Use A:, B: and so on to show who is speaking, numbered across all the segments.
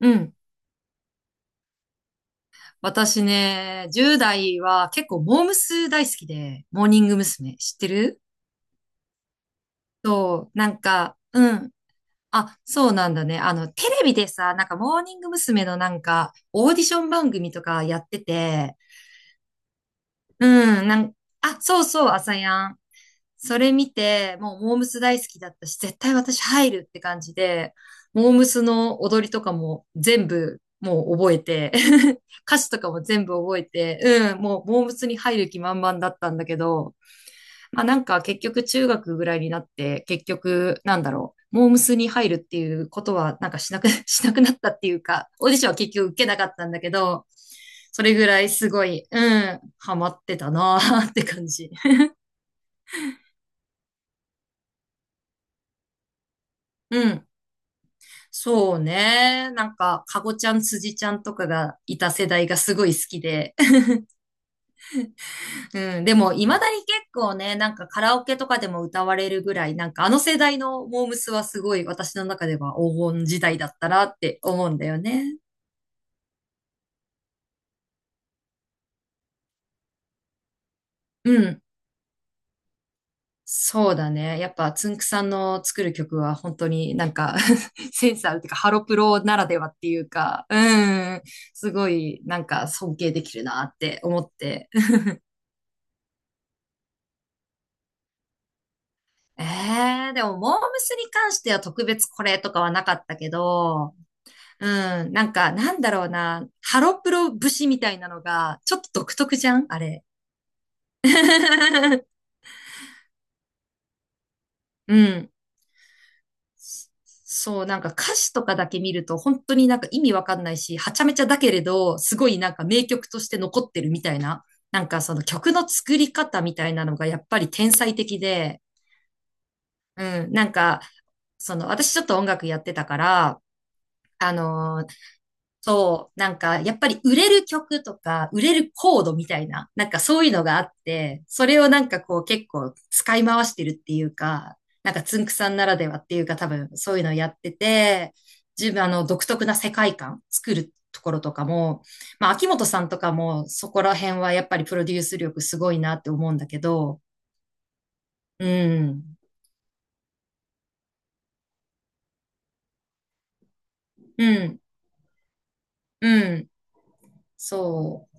A: うん。私ね、10代は結構モームス大好きで、モーニング娘。知ってる？そう、なんか、うん。あ、そうなんだね。テレビでさ、なんかモーニング娘。のなんか、オーディション番組とかやってて、うん、あ、そうそう、朝やん。それ見て、もうモームス大好きだったし、絶対私入るって感じで、モームスの踊りとかも全部もう覚えて、歌詞とかも全部覚えて、うん、もうモームスに入る気満々だったんだけど、まあなんか結局中学ぐらいになって、結局なんだろう、モームスに入るっていうことはなんかしなく、しなくなったっていうか、オーディションは結局受けなかったんだけど、それぐらいすごい、うん、ハマってたなーって感じ。うん。そうね。なんか、かごちゃん、辻ちゃんとかがいた世代がすごい好きで。うん。でも、未だに結構ね、なんかカラオケとかでも歌われるぐらい、なんかあの世代のモームスはすごい私の中では黄金時代だったなって思うんだよね。うん。そうだね。やっぱ、つんくさんの作る曲は本当になんか センサーっていうか、ハロプロならではっていうか、うん。すごい、なんか尊敬できるなって思って。えでも、モームスに関しては特別これとかはなかったけど、うん、なんか、なんだろうな、ハロプロ節みたいなのが、ちょっと独特じゃんあれ。うん。そう、なんか歌詞とかだけ見ると、本当になんか意味わかんないし、はちゃめちゃだけれど、すごいなんか名曲として残ってるみたいな、なんかその曲の作り方みたいなのがやっぱり天才的で、うん、なんか、私ちょっと音楽やってたから、あのそう、なんか、やっぱり売れる曲とか、売れるコードみたいな、なんかそういうのがあって、それをなんかこう結構使い回してるっていうか、なんかつんくさんならではっていうか多分そういうのやってて、自分あの独特な世界観作るところとかも、まあ秋元さんとかもそこら辺はやっぱりプロデュース力すごいなって思うんだけど、うん、うん、うん、そう。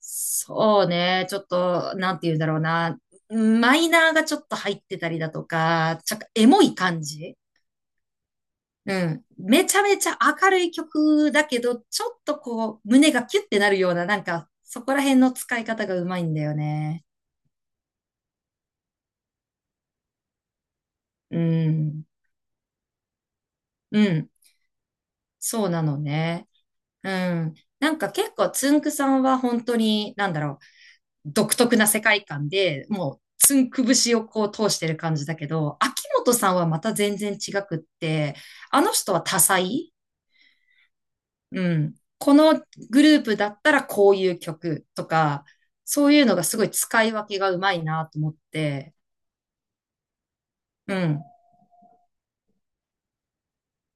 A: そうね。ちょっと、なんて言うんだろうな。マイナーがちょっと入ってたりだとか、ちょっとエモい感じ。うん。めちゃめちゃ明るい曲だけど、ちょっとこう、胸がキュッてなるような、なんか、そこら辺の使い方がうまいんだよね。うん。うん。そうなのね。うん。なんか結構、つんくさんは本当に、なんだろう。独特な世界観で、もう、つんくぶしをこう通してる感じだけど、秋元さんはまた全然違くって、あの人は多彩。うん。このグループだったらこういう曲とか、そういうのがすごい使い分けがうまいなと思って、うん、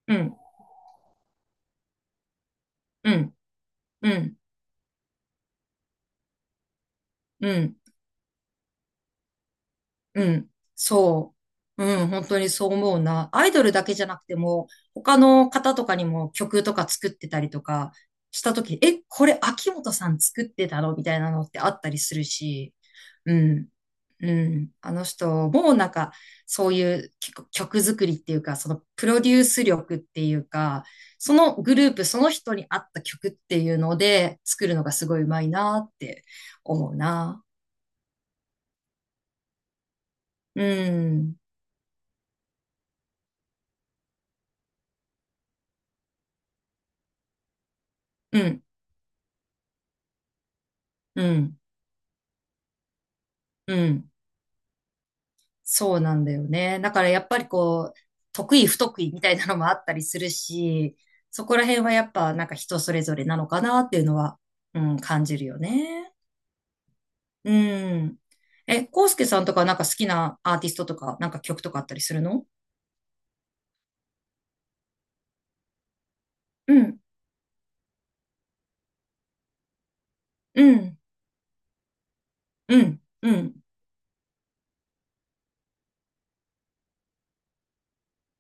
A: うん、うん、うん、うん。うん、そう。うん、本当にそう思うな。アイドルだけじゃなくても、他の方とかにも曲とか作ってたりとかしたとき、え、これ秋元さん作ってたのみたいなのってあったりするし、うん、うん。あの人、もうなんか、そういう曲作りっていうか、そのプロデュース力っていうか、そのグループ、その人に合った曲っていうので作るのがすごいうまいなって思うな。うん、うん、うん。うん。そうなんだよね。だからやっぱりこう、得意不得意みたいなのもあったりするし、そこら辺はやっぱなんか人それぞれなのかなっていうのは、うん、感じるよね。うん。え、コウスケさんとかなんか好きなアーティストとか、なんか曲とかあったりするの？うん、うん、うん、うん、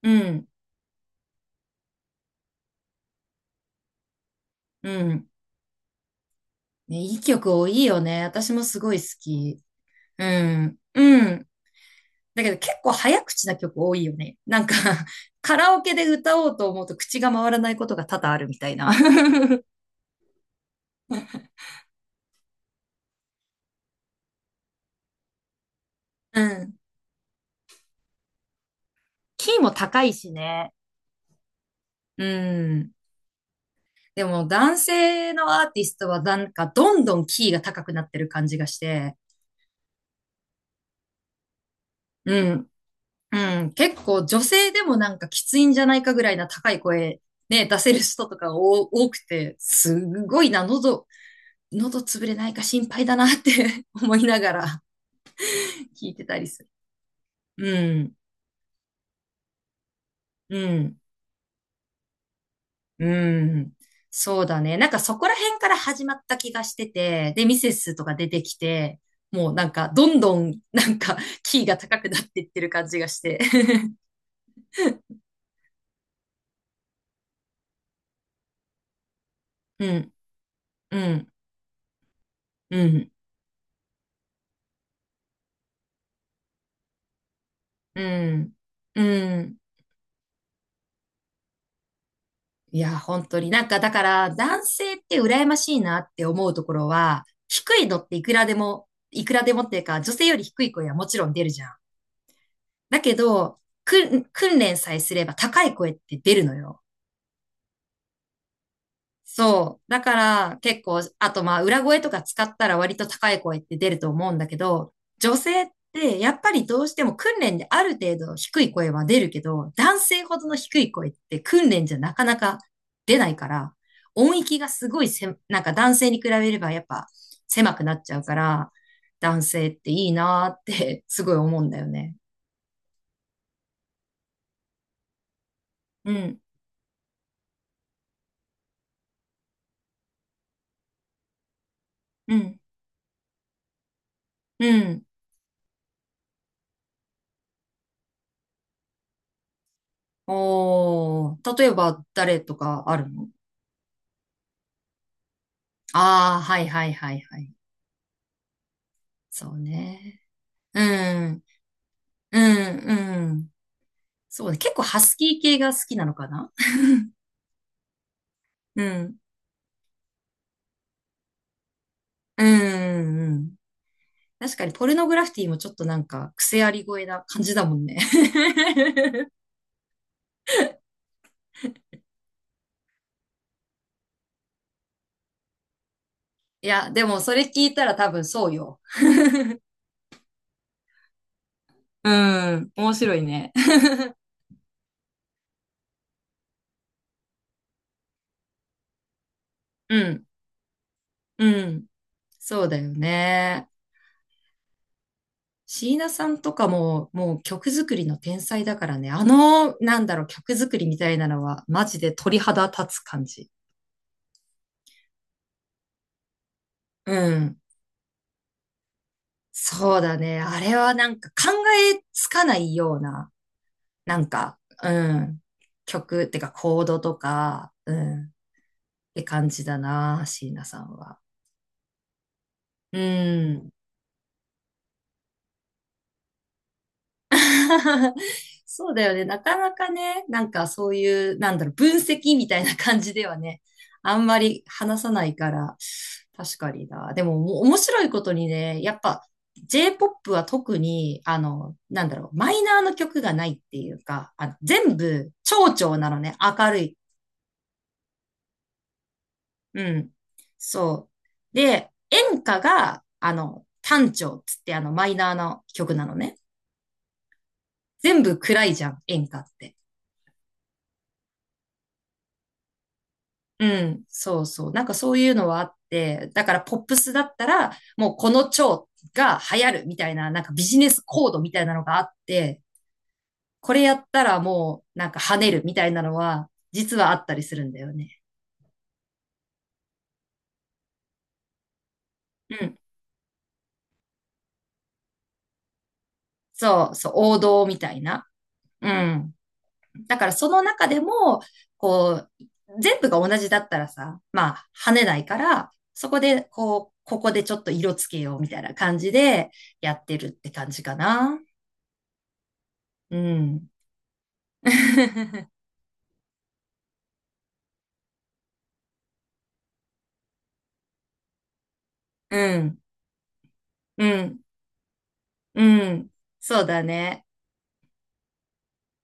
A: うん、うん。ね、いい曲多いよね。私もすごい好き。うん、うん。だけど結構早口な曲多いよね。なんか カラオケで歌おうと思うと口が回らないことが多々あるみたいな。うん。キーも高いしね。うん。でも男性のアーティストはなんかどんどんキーが高くなってる感じがして、うん。うん。結構女性でもなんかきついんじゃないかぐらいな高い声ね、出せる人とかお多くて、すごいな、喉潰れないか心配だなって 思いながら聞いてたりする。うん。うん、うん、そうだね。なんかそこら辺から始まった気がしてて、で、ミセスとか出てきて、もうなんかどんどんなんか キーが高くなっていってる感じがして。うん、うん、うん、うん、うん。いや、本当になんかだから男性って羨ましいなって思うところは、低いのっていくらでも、いくらでもっていうか、女性より低い声はもちろん出るじゃん。だけど、訓練さえすれば高い声って出るのよ。そう。だから結構、あとまあ裏声とか使ったら割と高い声って出ると思うんだけど、女性ってやっぱりどうしても訓練である程度低い声は出るけど、男性ほどの低い声って訓練じゃなかなか出ないから、音域がすごい、なんか男性に比べればやっぱ狭くなっちゃうから、男性っていいなーって すごい思うんだよね。うん、うん、うん。おー、例えば誰とかあるの？ああー、はいはいはいはい。そうね。うん、うん、うん。そうね。結構ハスキー系が好きなのかな？ うん、うん、うん。確かにポルノグラフィティもちょっとなんか癖あり声な感じだもんね。いや、でもそれ聞いたら多分そうよ。うん、面白いね。うん、うん。そうだよね。椎名さんとかも、もう曲作りの天才だからね。なんだろう、曲作りみたいなのは、マジで鳥肌立つ感じ。うん。そうだね。あれはなんか考えつかないような、なんか、うん。曲ってかコードとか、うん。って感じだな、椎名さんは。うん。そうだよね。なかなかね、なんかそういう、なんだろう、分析みたいな感じではね、あんまり話さないから、確かにな。でも、面白いことにね、やっぱ J-POP は特に、なんだろう、マイナーの曲がないっていうか、全部、長調なのね、明るい。うん。そう。で、演歌が、単調っつって、マイナーの曲なのね。全部暗いじゃん、演歌って。うん、そうそう。なんかそういうのはあって、だからポップスだったら、もうこの蝶が流行るみたいな、なんかビジネスコードみたいなのがあって、これやったらもうなんか跳ねるみたいなのは、実はあったりするんだよね。うん。そうそう、王道みたいな。うん。だからその中でも、こう、全部が同じだったらさ、まあ跳ねないから、そこでこう、ここでちょっと色つけようみたいな感じでやってるって感じかな。うん。うん、うん、うん。そうだね。